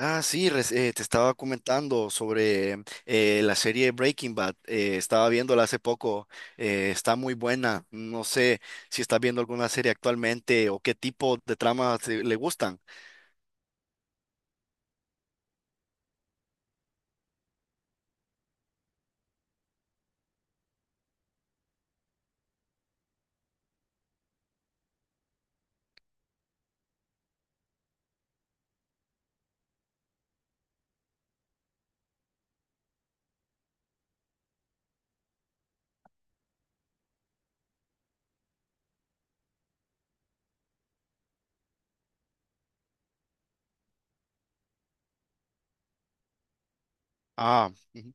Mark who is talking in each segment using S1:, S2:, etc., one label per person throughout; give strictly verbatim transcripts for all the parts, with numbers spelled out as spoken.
S1: Ah, sí, res- eh, te estaba comentando sobre eh, la serie Breaking Bad. Eh, estaba viéndola hace poco. Eh, está muy buena. No sé si estás viendo alguna serie actualmente o qué tipo de tramas eh, le gustan. Ah, ujú,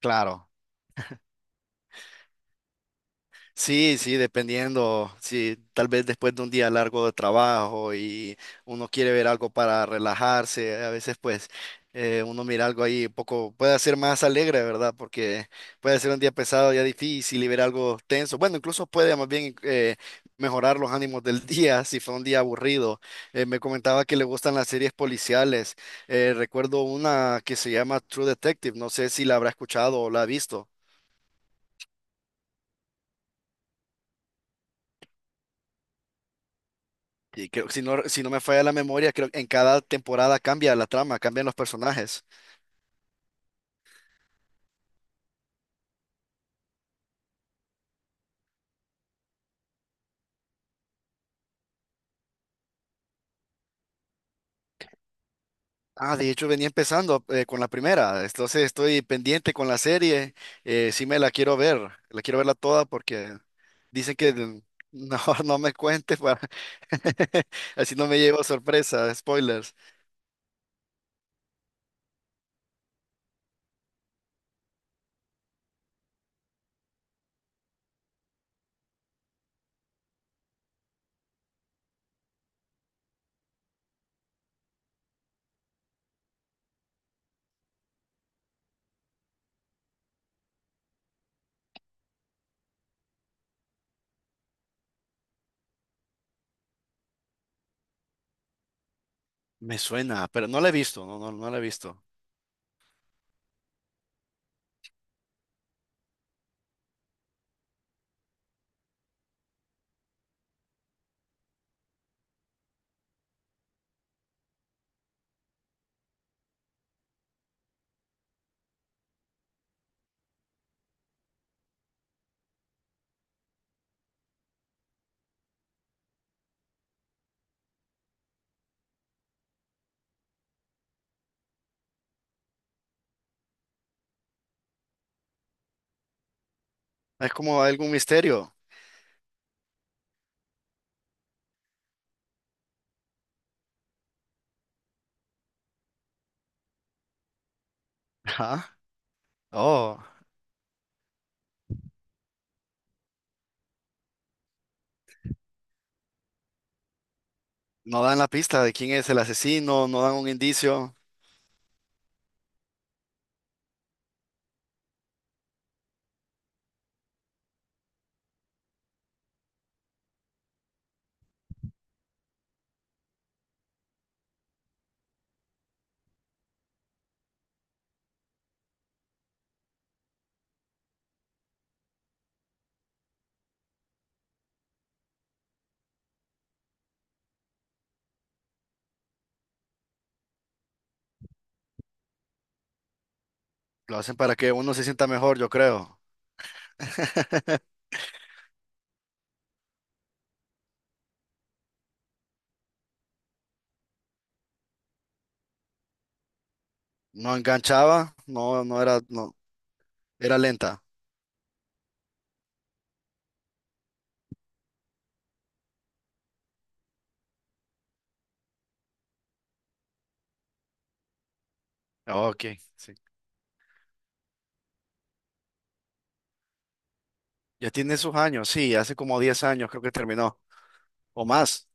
S1: claro. Sí, sí, dependiendo. Sí, tal vez después de un día largo de trabajo y uno quiere ver algo para relajarse, a veces pues eh, uno mira algo ahí un poco, puede ser más alegre, ¿verdad? Porque puede ser un día pesado, ya difícil y ver algo tenso. Bueno, incluso puede más bien eh, mejorar los ánimos del día si fue un día aburrido. Eh, me comentaba que le gustan las series policiales. Eh, recuerdo una que se llama True Detective, no sé si la habrá escuchado o la ha visto. Y creo que si no, si no me falla la memoria, creo que en cada temporada cambia la trama, cambian los personajes. Ah, de hecho venía empezando eh, con la primera, entonces estoy pendiente con la serie, eh, sí me la quiero ver, la quiero verla toda porque dicen que de- mejor no me cuentes para... así no me llevo sorpresa, spoilers. Me suena, pero no la he visto, no, no, no la he visto. Es como algún misterio. Ajá. Oh, no dan la pista de quién es el asesino, no dan un indicio. Lo hacen para que uno se sienta mejor, yo creo. No enganchaba, no, no era, no, era lenta. Ok, sí. Ya tiene sus años, sí, hace como diez años creo que terminó, o más.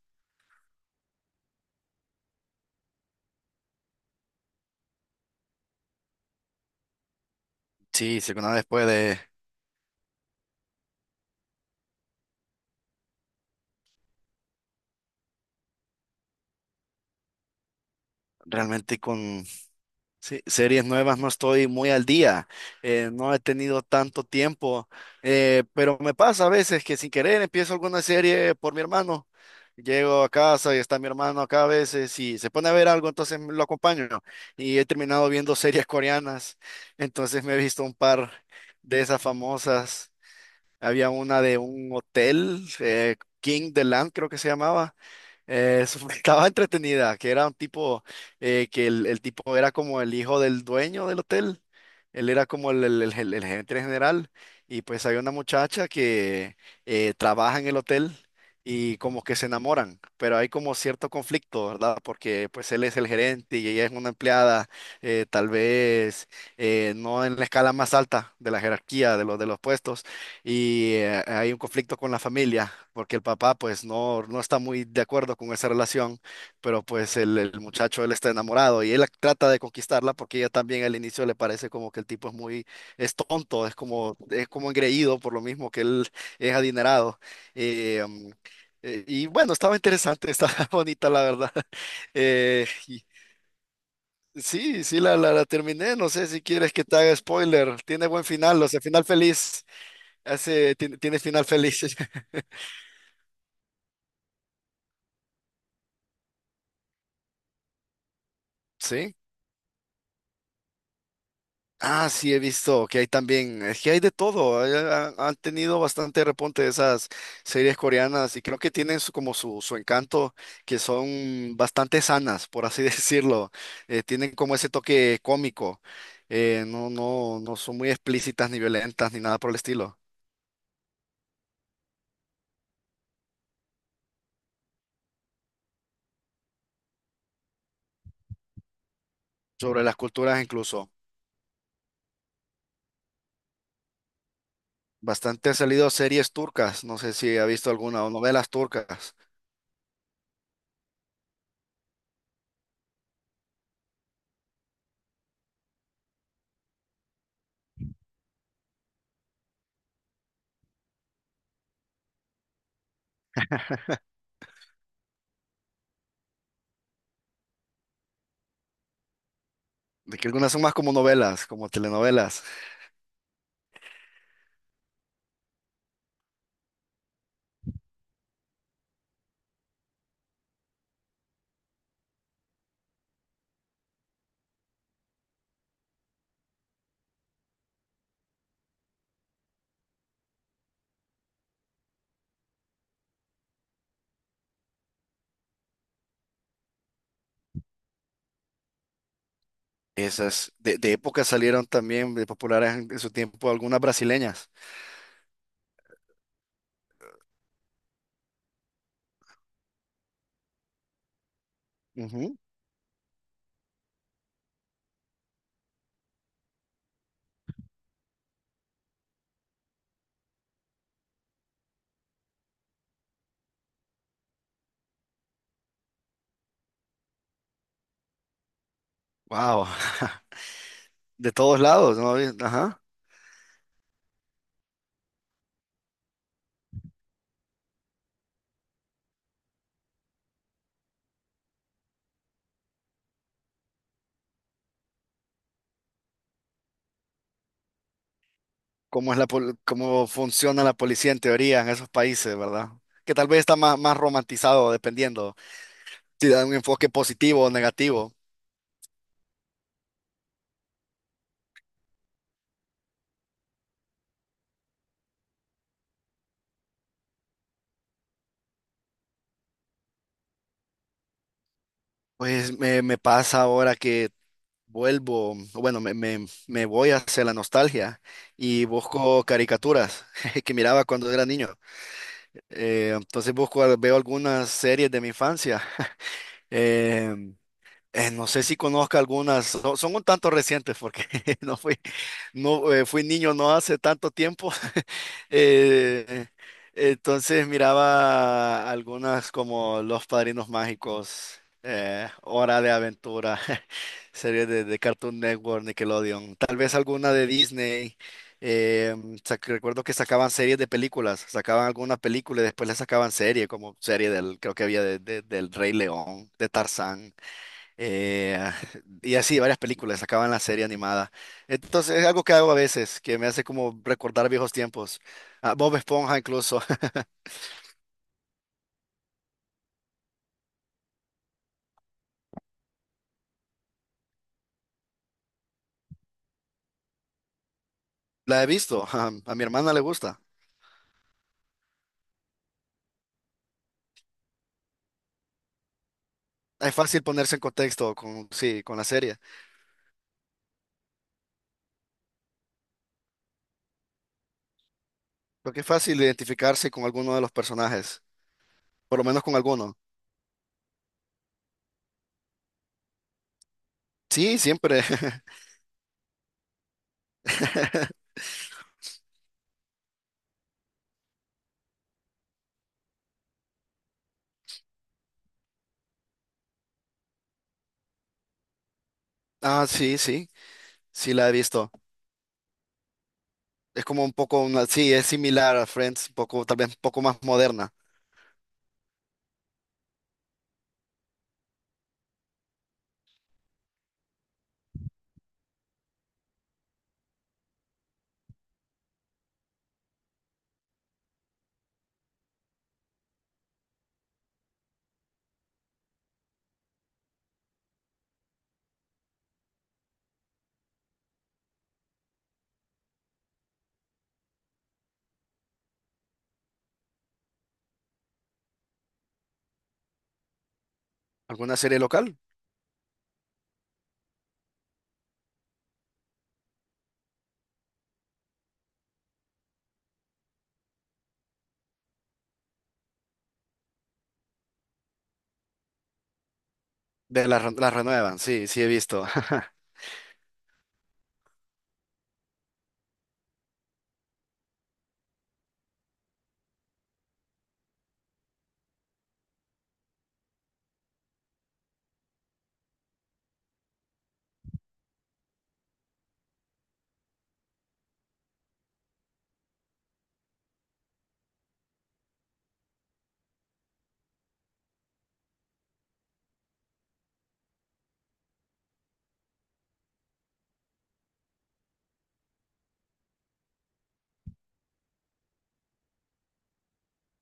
S1: Sí, segunda vez puede realmente con sí, series nuevas no estoy muy al día, eh, no he tenido tanto tiempo, eh, pero me pasa a veces que sin querer empiezo alguna serie por mi hermano. Llego a casa y está mi hermano acá a veces y se pone a ver algo, entonces lo acompaño, ¿no? Y he terminado viendo series coreanas, entonces me he visto un par de esas famosas. Había una de un hotel, eh, King the Land creo que se llamaba. Eh, eso fue- estaba entretenida, que era un tipo, eh, que el, el tipo era como el hijo del dueño del hotel. Él era como el, el, el, el- el gerente general. Y pues había una muchacha que eh, trabaja en el hotel y como que se enamoran, pero hay como cierto conflicto, ¿verdad? Porque pues él es el gerente y ella es una empleada, eh, tal vez eh, no en la escala más alta de la jerarquía de los, de los puestos y eh, hay un conflicto con la familia, porque el papá pues no, no está muy de acuerdo con esa relación, pero pues el, el muchacho él está enamorado y él trata de conquistarla porque ella también al inicio le parece como que el tipo es muy, es tonto, es como, es como engreído por lo mismo que él es adinerado. Eh, um, eh, y bueno, estaba interesante, estaba bonita la verdad. Eh, y- Sí, sí, la, la, la terminé. No sé si quieres que te haga spoiler. Tiene buen final, o sea, final feliz. Ese ti- tiene final feliz. Sí. Ah, sí, he visto que hay también, es que hay de todo. hay- ha- Han tenido bastante repunte esas series coreanas y creo que tienen su- como su, su encanto, que son bastante sanas, por así decirlo. Eh, tienen como ese toque cómico. Eh, no, no, no son muy explícitas ni violentas ni nada por el estilo. Sobre las culturas incluso. Bastante han salido series turcas. No sé si ha visto alguna o novelas turcas. De que algunas son más como novelas, como telenovelas. Esas de, de época salieron también de populares en, en su tiempo algunas brasileñas. Ujú. Wow, de todos lados, ¿no? Ajá. ¿Cómo es la, pol- cómo funciona la policía en teoría en esos países, ¿verdad? Que tal vez está más, más romantizado, dependiendo si da un enfoque positivo o negativo. Pues me, me pasa ahora que vuelvo, bueno, me, me, me voy hacia la nostalgia y busco caricaturas que miraba cuando era niño. Eh, entonces busco, veo algunas series de mi infancia. Eh, eh, no sé si conozca algunas, so- son un tanto recientes porque no fui, no, eh, fui niño no hace tanto tiempo. Eh, entonces miraba algunas como Los Padrinos Mágicos, eh, Hora de Aventura, series de, de Cartoon Network, Nickelodeon, tal vez alguna de Disney. Eh, sac- Recuerdo que sacaban series de películas, sacaban alguna película y después le sacaban serie, como serie del, creo que había de- de- del Rey León, de Tarzán. Eh, y así, varias películas, acaban la serie animada. Entonces, es algo que hago a veces, que me hace como recordar viejos tiempos. Ah, Bob Esponja incluso, la he visto, ah, a mi hermana le gusta. Es fácil ponerse en contexto con, sí, con la serie, porque es fácil identificarse con alguno de los personajes, por lo menos con alguno. Sí, siempre. Ah, sí, sí, sí la he visto. Es como un poco una, sí, es similar a Friends, un poco, tal vez un poco más moderna. ¿Alguna serie local? De la, re- la renuevan, sí, sí he visto.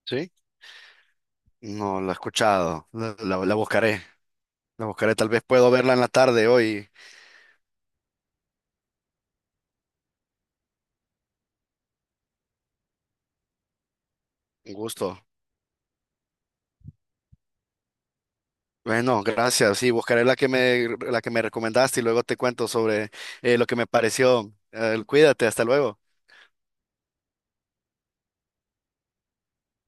S1: ¿Sí? No, la he escuchado. La, la- la buscaré. La buscaré. Tal vez puedo verla en la tarde hoy. Un gusto. Bueno, gracias. Sí, buscaré la que me, la que me recomendaste y luego te cuento sobre eh, lo que me pareció. Eh, cuídate, hasta luego.